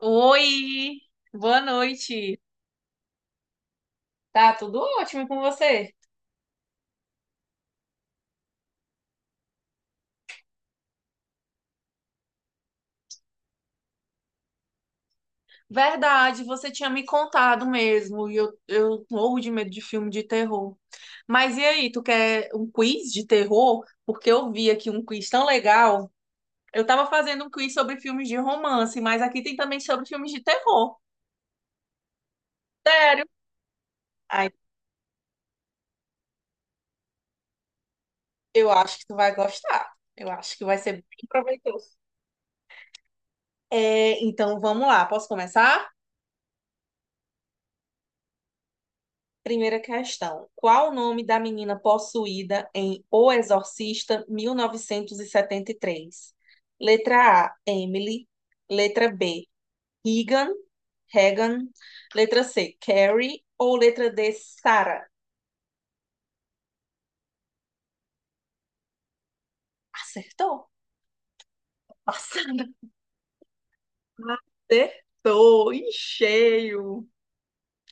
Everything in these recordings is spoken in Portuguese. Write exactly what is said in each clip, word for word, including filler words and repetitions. Oi, boa noite. Tá tudo ótimo com você? Verdade, você tinha me contado mesmo, e eu, eu morro de medo de filme de terror. Mas e aí, tu quer um quiz de terror? Porque eu vi aqui um quiz tão legal. Eu tava fazendo um quiz sobre filmes de romance, mas aqui tem também sobre filmes de terror. Sério? Ai, eu acho que tu vai gostar. Eu acho que vai ser bem proveitoso. É, então vamos lá, posso começar? Primeira questão. Qual o nome da menina possuída em O Exorcista mil novecentos e e setenta e três? Letra A, Emily. Letra B, Regan. Regan. Letra C, Carrie. Ou letra D, Sarah? Acertou? Nossa, acertou em cheio.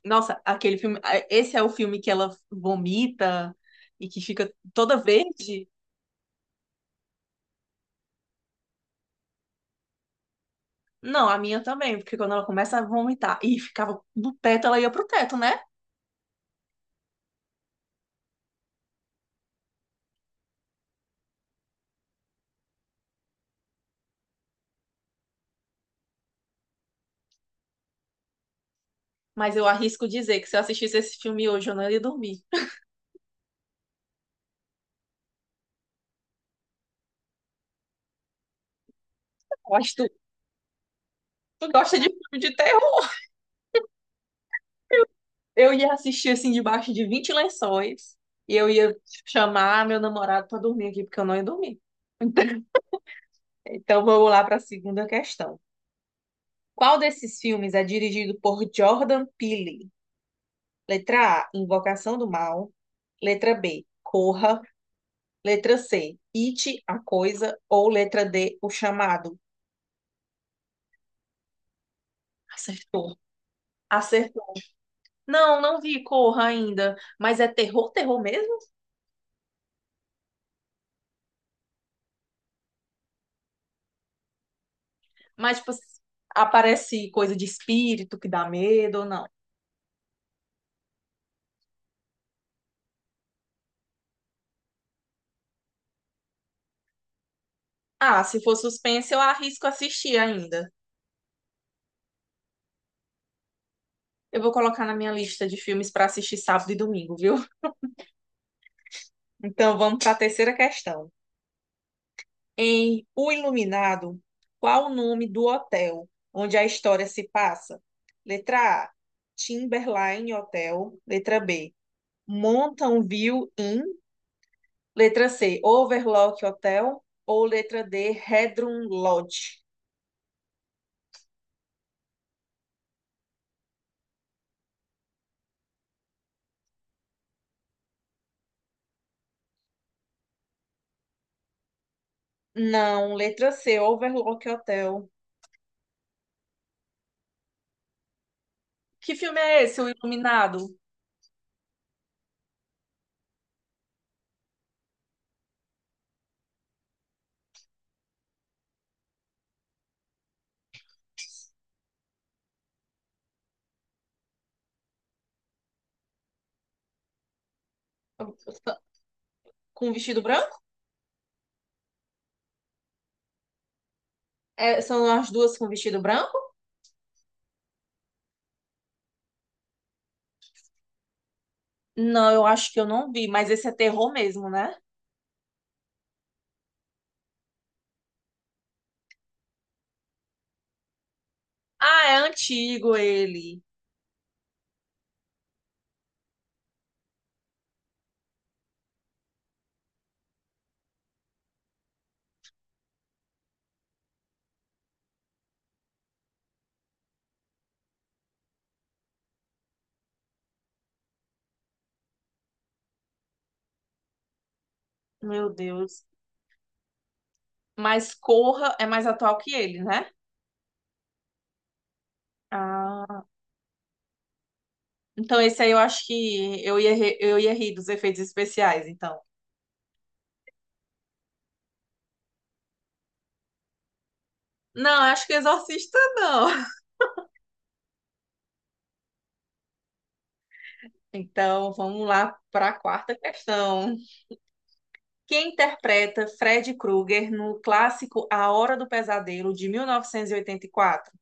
Nossa, aquele filme. Esse é o filme que ela vomita e que fica toda verde? Não, a minha também, porque quando ela começa a vomitar e ficava do teto, ela ia pro teto, né? Mas eu arrisco dizer que se eu assistisse esse filme hoje, eu não ia dormir. Eu acho que tu, tu gosta de filme de terror. Eu ia assistir assim debaixo de vinte lençóis e eu ia chamar meu namorado pra dormir aqui, porque eu não ia dormir. Então vamos lá pra segunda questão. Qual desses filmes é dirigido por Jordan Peele? Letra A, Invocação do Mal. Letra B, Corra. Letra C, it, a coisa, ou letra D, o chamado. Acertou. Acertou. Não, não vi Corra ainda. Mas é terror, terror mesmo? Mas, tipo, aparece coisa de espírito que dá medo ou não? Ah, se for suspense, eu arrisco assistir ainda. Eu vou colocar na minha lista de filmes para assistir sábado e domingo, viu? Então vamos para a terceira questão. Em O Iluminado, qual o nome do hotel onde a história se passa? Letra A, Timberline Hotel. Letra B, Mountain View Inn. Letra C, Overlock Hotel. Ou letra D, Redrum Lodge. Não, letra C, Overlock Hotel. Que filme é esse, O Iluminado? Com vestido branco? É, são as duas com vestido branco? Não, eu acho que eu não vi, mas esse é terror mesmo, né? Ah, é antigo ele. Meu Deus. Mas Corra é mais atual que ele, né? Ah, então esse aí eu acho que eu ia, re- eu ia rir dos efeitos especiais, então. Não, acho que Exorcista não. Então vamos lá para a quarta questão. Quem interpreta Fred Krueger no clássico A Hora do Pesadelo de mil novecentos e e oitenta e quatro.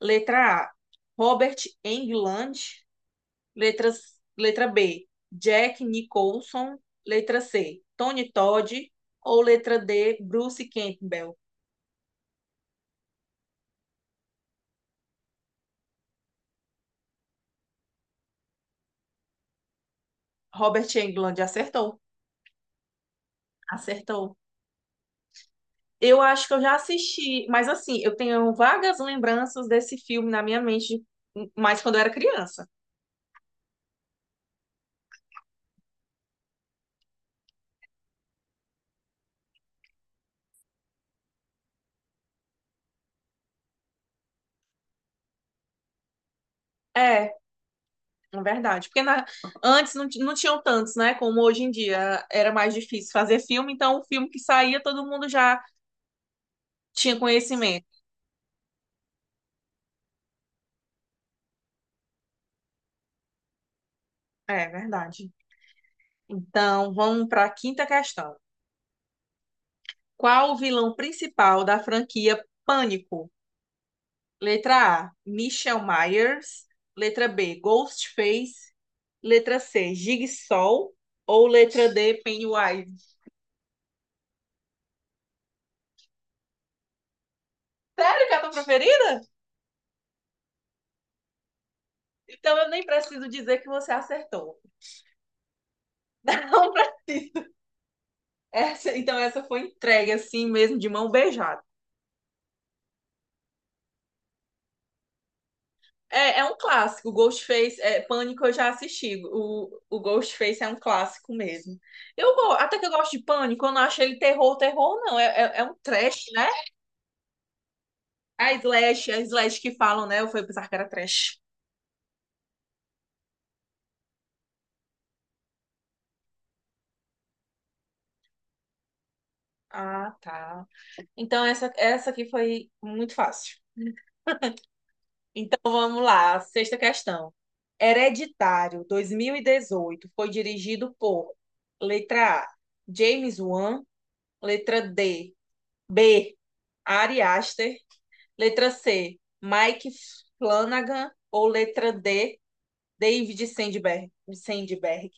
Letra A, Robert Englund. Letras, letra B, Jack Nicholson. Letra C, Tony Todd. Ou letra D, Bruce Campbell. Robert Englund acertou. Acertou. Eu acho que eu já assisti, mas assim, eu tenho vagas lembranças desse filme na minha mente, mais quando eu era criança. É, é verdade. Porque na- antes não, ti- não tinham tantos, né? Como hoje em dia era mais difícil fazer filme, então o filme que saía todo mundo já tinha conhecimento. É verdade. Então, vamos para a quinta questão. Qual o vilão principal da franquia Pânico? Letra A, Michelle Myers. Letra B, Ghostface. Letra C, Jigsaw. Ou letra D, Pennywise. Sério que é a tua preferida? Então eu nem preciso dizer que você acertou. Não preciso. Essa- então essa foi entregue assim mesmo, de mão beijada. É, é um clássico. Ghostface, é, Pânico eu já assisti. O, o Ghostface é um clássico mesmo. Eu go- até que eu gosto de Pânico, eu não acho ele terror, terror, não. É, é, é um trash, né? A slash, a slash que falam, né? Eu fui pensar que era trash. Ah, tá. Então essa, essa aqui foi muito fácil. Então vamos lá, sexta questão. Hereditário dois mil e dezoito, foi dirigido por letra A, James Wan, letra D, B, Ari Aster, letra C, Mike Flanagan. Ou letra D, David Sandberg. Sandberg.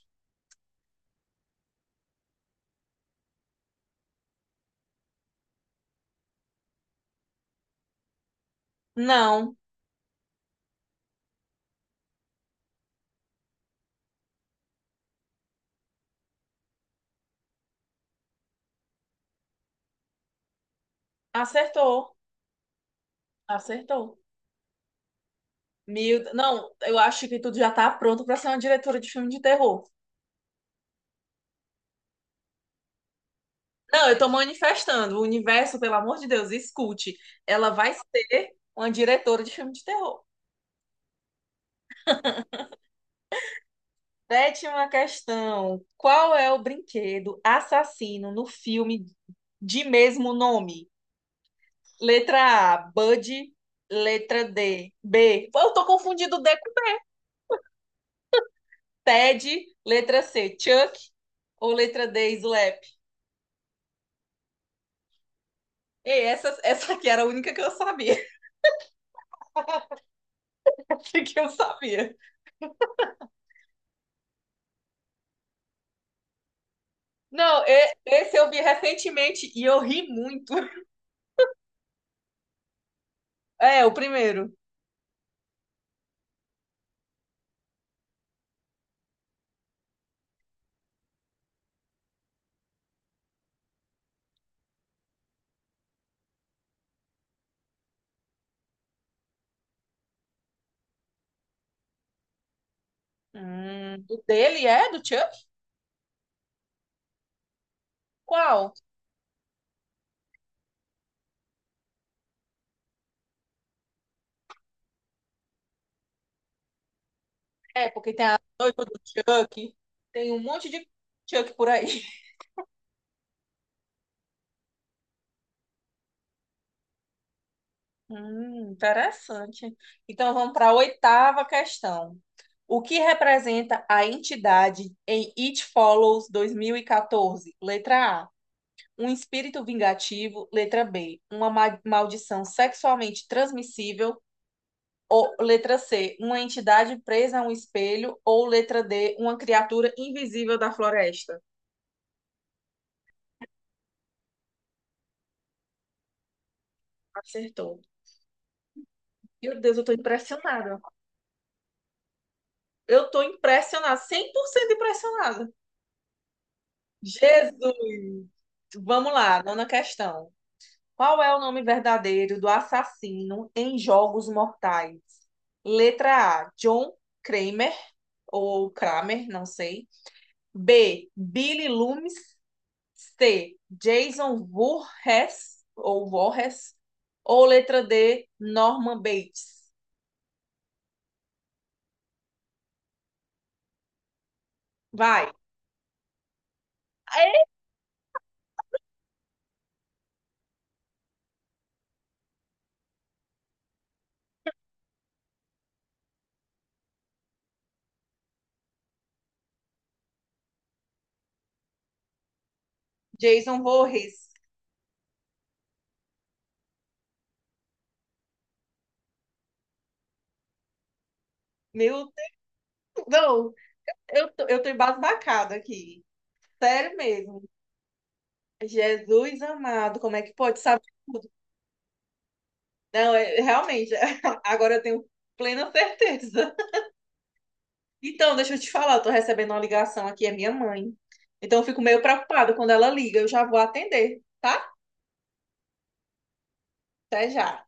Não, acertou. Acertou. Mil... Não, eu acho que tudo já tá pronto para ser uma diretora de filme de terror. Não, eu tô manifestando. O universo, pelo amor de Deus, escute. Ela vai ser uma diretora de filme de terror. Sétima questão. Qual é o brinquedo assassino no filme de mesmo nome? Letra A, Bud. Letra D, B. Eu tô confundindo D com Ted. Letra C, Chuck. Ou letra D, Slap. Ei, essa, essa aqui era a única que eu sabia. que eu sabia. Não, e- esse eu vi recentemente e eu ri muito. É, o primeiro. Hum, o dele é do Chuck? Qual? É, porque tem a noiva do Chuck. Tem um monte de Chuck por aí. Hum, interessante. Então vamos para a oitava questão. O que representa a entidade em It Follows dois mil e quatorze? Letra A, um espírito vingativo. Letra B, uma ma- maldição sexualmente transmissível. Ou letra C, uma entidade presa a um espelho. Ou letra D, uma criatura invisível da floresta. Acertou. Meu Deus, eu tô impressionada. Eu tô impressionada, cem por cento impressionada. Jesus! Vamos lá, nona questão. Qual é o nome verdadeiro do assassino em Jogos Mortais? Letra A, John Kramer, ou Kramer, não sei. B, Billy Loomis. C, Jason Voorhees, ou Voorhees. Ou letra D, Norman Bates. Vai. É? Jason Voorhees. Meu Deus, não, eu tô, eu tô embasbacada aqui. Sério mesmo. Jesus amado, como é que pode saber? Não, é- realmente, agora eu tenho plena certeza. Então, deixa eu te falar, eu tô recebendo uma ligação aqui, é minha mãe. Então, eu fico meio preocupada quando ela liga, eu já vou atender, tá? Até já.